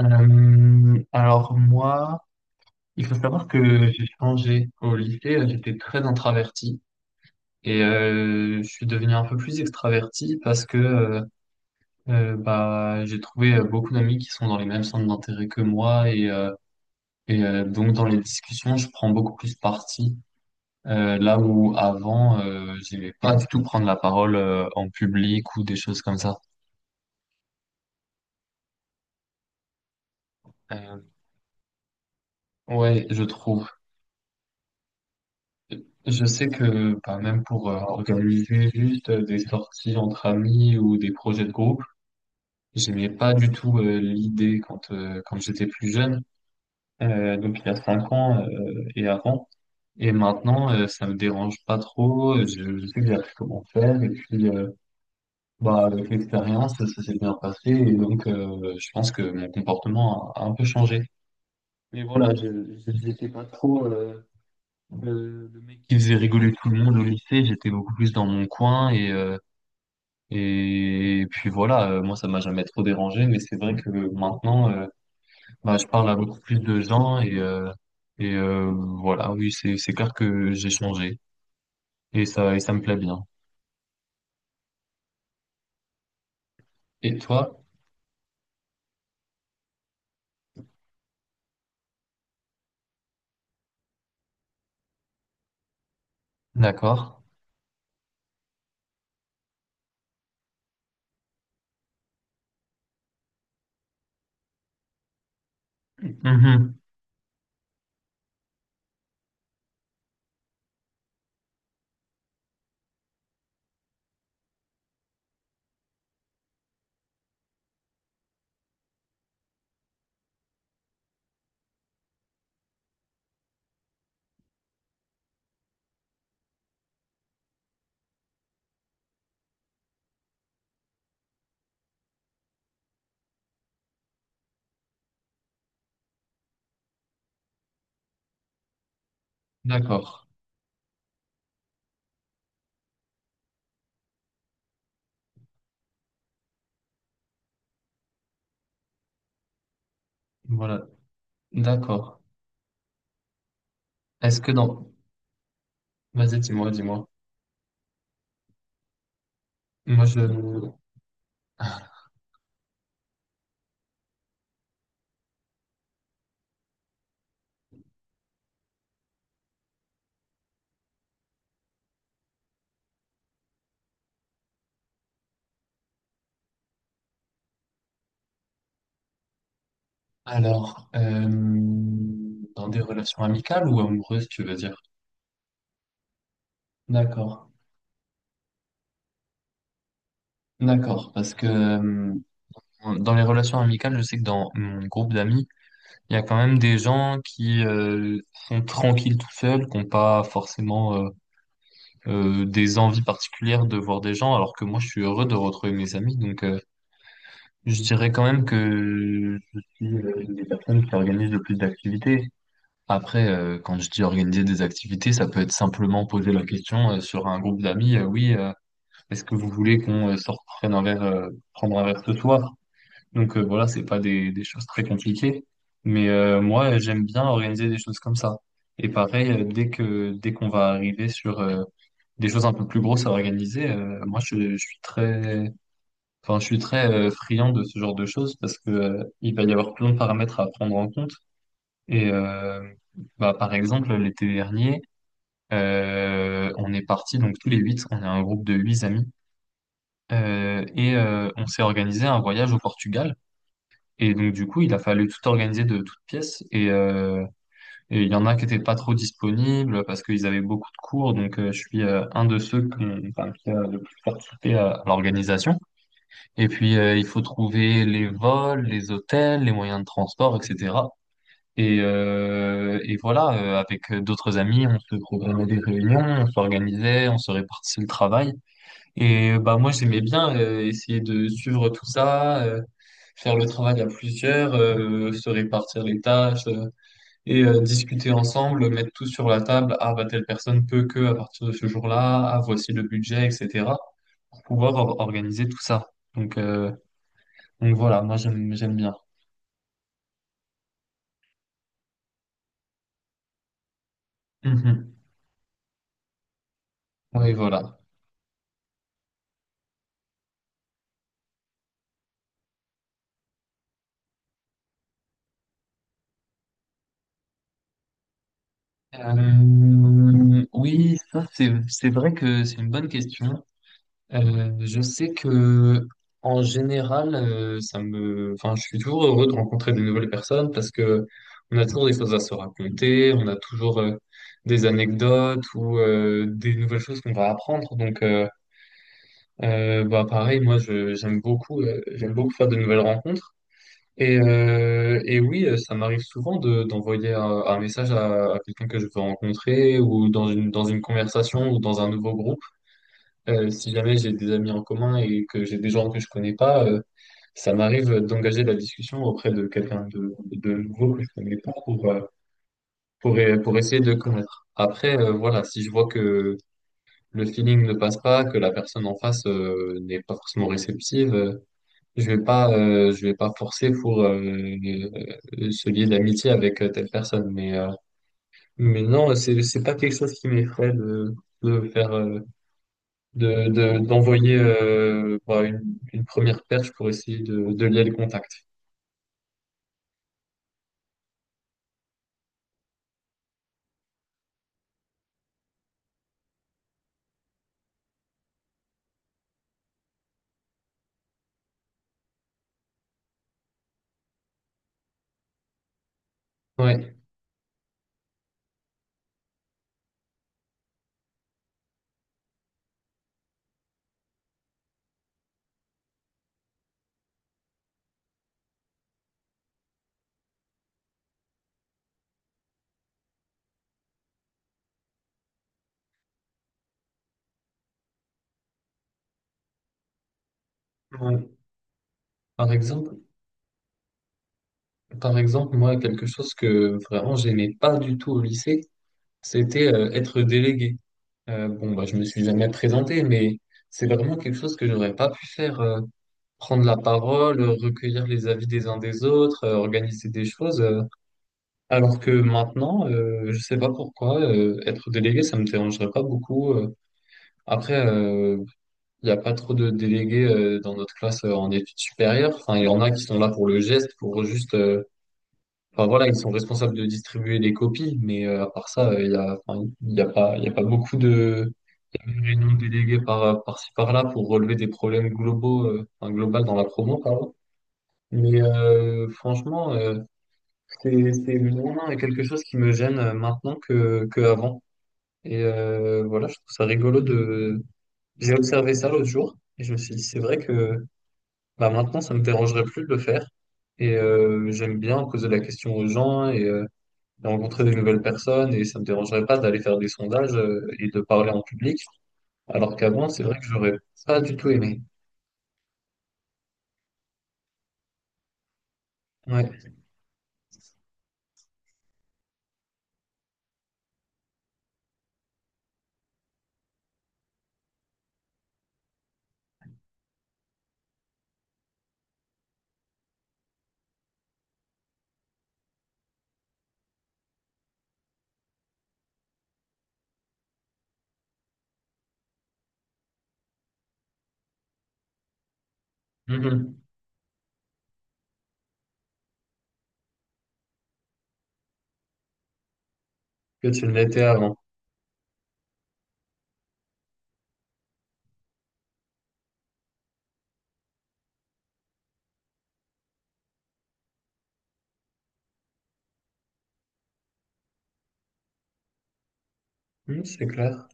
Alors moi, il faut savoir que j'ai changé au lycée, j'étais très introverti et je suis devenu un peu plus extraverti parce que j'ai trouvé beaucoup d'amis qui sont dans les mêmes centres d'intérêt que moi et donc dans les discussions, je prends beaucoup plus parti. Là où avant, j'aimais pas du tout prendre la parole en public ou des choses comme ça. Euh, ouais, je trouve. Je sais que bah, même pour organiser juste des sorties entre amis ou des projets de groupe, j'aimais pas du tout l'idée quand j'étais plus jeune, donc il y a 5 ans et avant. Et maintenant, ça me dérange pas trop. Je sais que j'ai appris comment faire et puis bah avec l'expérience, ça s'est bien passé et donc je pense que mon comportement a un peu changé. Mais voilà, je n'étais pas trop le mec qui faisait rigoler tout le monde au lycée, j'étais beaucoup plus dans mon coin et puis voilà, moi ça m'a jamais trop dérangé, mais c'est vrai que maintenant je parle à beaucoup plus de gens et voilà, oui, c'est clair que j'ai changé et ça me plaît bien. Et toi? D'accord. Mhm. D'accord. Voilà. D'accord. Est-ce que dans… Vas-y, dis-moi. Moi, je… Alors, dans des relations amicales ou amoureuses, tu veux dire? D'accord, d'accord, parce que dans les relations amicales, je sais que dans mon groupe d'amis, il y a quand même des gens qui sont tranquilles tout seuls, qui n'ont pas forcément des envies particulières de voir des gens, alors que moi, je suis heureux de retrouver mes amis. Donc, je dirais quand même que je suis une des personnes qui organise le plus d'activités. Après, quand je dis organiser des activités, ça peut être simplement poser la question sur un groupe d'amis, oui. est-ce que vous voulez qu'on sorte prenne un verre, prendre un verre ce soir? Donc voilà, c'est pas des choses très compliquées. Mais moi, j'aime bien organiser des choses comme ça. Et pareil, dès qu'on va arriver sur des choses un peu plus grosses à organiser, moi je suis très, enfin je suis très friand de ce genre de choses parce que il va y avoir plein de paramètres à prendre en compte. Et par exemple l'été dernier, on est parti donc tous les 8, on est un groupe de 8 amis et on s'est organisé un voyage au Portugal. Et donc, du coup, il a fallu tout organiser de toutes pièces. Et il y en a qui étaient pas trop disponibles parce qu'ils avaient beaucoup de cours. Donc, je suis un de ceux qui, qui a le plus participé à l'organisation. Et puis, il faut trouver les vols, les hôtels, les moyens de transport, etc. Et voilà, avec d'autres amis, on se programmait des réunions, on s'organisait, on se répartissait le travail. Et moi j'aimais bien essayer de suivre tout ça, faire le travail à plusieurs, se répartir les tâches et discuter ensemble, mettre tout sur la table. Ah bah telle personne peut que à partir de ce jour-là, ah voici le budget, etc. pour pouvoir organiser tout ça. Donc euh, donc voilà, moi j'aime bien. Mhm. Oui voilà. Oui ça c'est vrai que c'est une bonne question. Je sais que en général, ça me, enfin, je suis toujours heureux de rencontrer de nouvelles personnes parce que on a toujours des choses à se raconter, on a toujours des anecdotes ou des nouvelles choses qu'on va apprendre. Donc, pareil, moi, je, j'aime beaucoup faire de nouvelles rencontres. Et oui, ça m'arrive souvent de, d'envoyer un message à quelqu'un que je veux rencontrer ou dans une conversation ou dans un nouveau groupe. Si jamais j'ai des amis en commun et que j'ai des gens que je connais pas, ça m'arrive d'engager la discussion auprès de quelqu'un de nouveau que je connais pas pour, pour essayer de connaître. Après, voilà, si je vois que le feeling ne passe pas, que la personne en face, n'est pas forcément réceptive, je vais pas forcer pour, se lier d'amitié avec telle personne. Mais non, c'est pas quelque chose qui m'effraie de faire, d'envoyer une première perche pour essayer de lier le contact. Ouais. Ouais. Par exemple, par exemple, moi, quelque chose que vraiment j'aimais pas du tout au lycée, c'était être délégué. Bon, je me suis jamais présenté, mais c'est vraiment quelque chose que j'aurais pas pu faire. Prendre la parole, recueillir les avis des uns des autres, organiser des choses. Alors que maintenant, je sais pas pourquoi, être délégué, ça me dérangerait pas beaucoup. Après, euh, Il n'y a pas trop de délégués dans notre classe en études supérieures. Enfin, il y en a qui sont là pour le geste, pour juste. Enfin voilà, ils sont responsables de distribuer les copies, mais à part ça, il y a pas, il y a pas beaucoup de il y a une réunion déléguée par par-ci par-là pour relever des problèmes globaux, enfin global dans la promo, pardon. Mais franchement, c'est vraiment quelque chose qui me gêne maintenant que avant. Voilà, je trouve ça rigolo de. J'ai observé ça l'autre jour et je me suis dit c'est vrai que bah maintenant, ça me dérangerait plus de le faire. J'aime bien poser la question aux gens et rencontrer des nouvelles personnes. Et ça me dérangerait pas d'aller faire des sondages et de parler en public. Alors qu'avant, c'est vrai que j'aurais pas du tout aimé. Ouais. Mhm. Que tu ne l'étais avant. Mhm, c'est clair.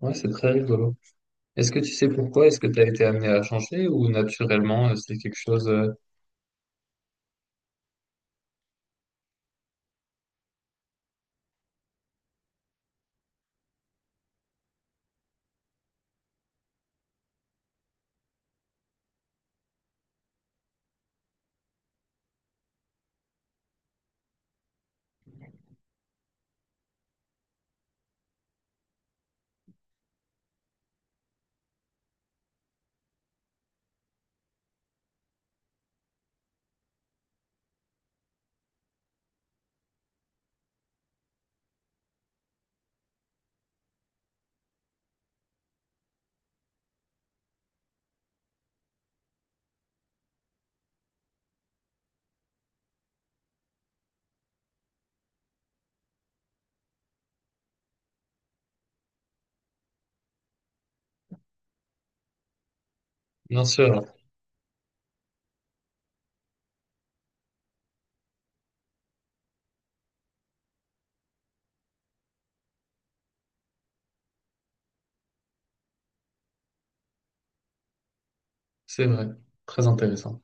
Ouais, c'est très rigolo. Est-ce que tu sais pourquoi? Est-ce que tu as été amené à changer ou naturellement, c'est quelque chose… Bien sûr, hein. C'est vrai. Très intéressant.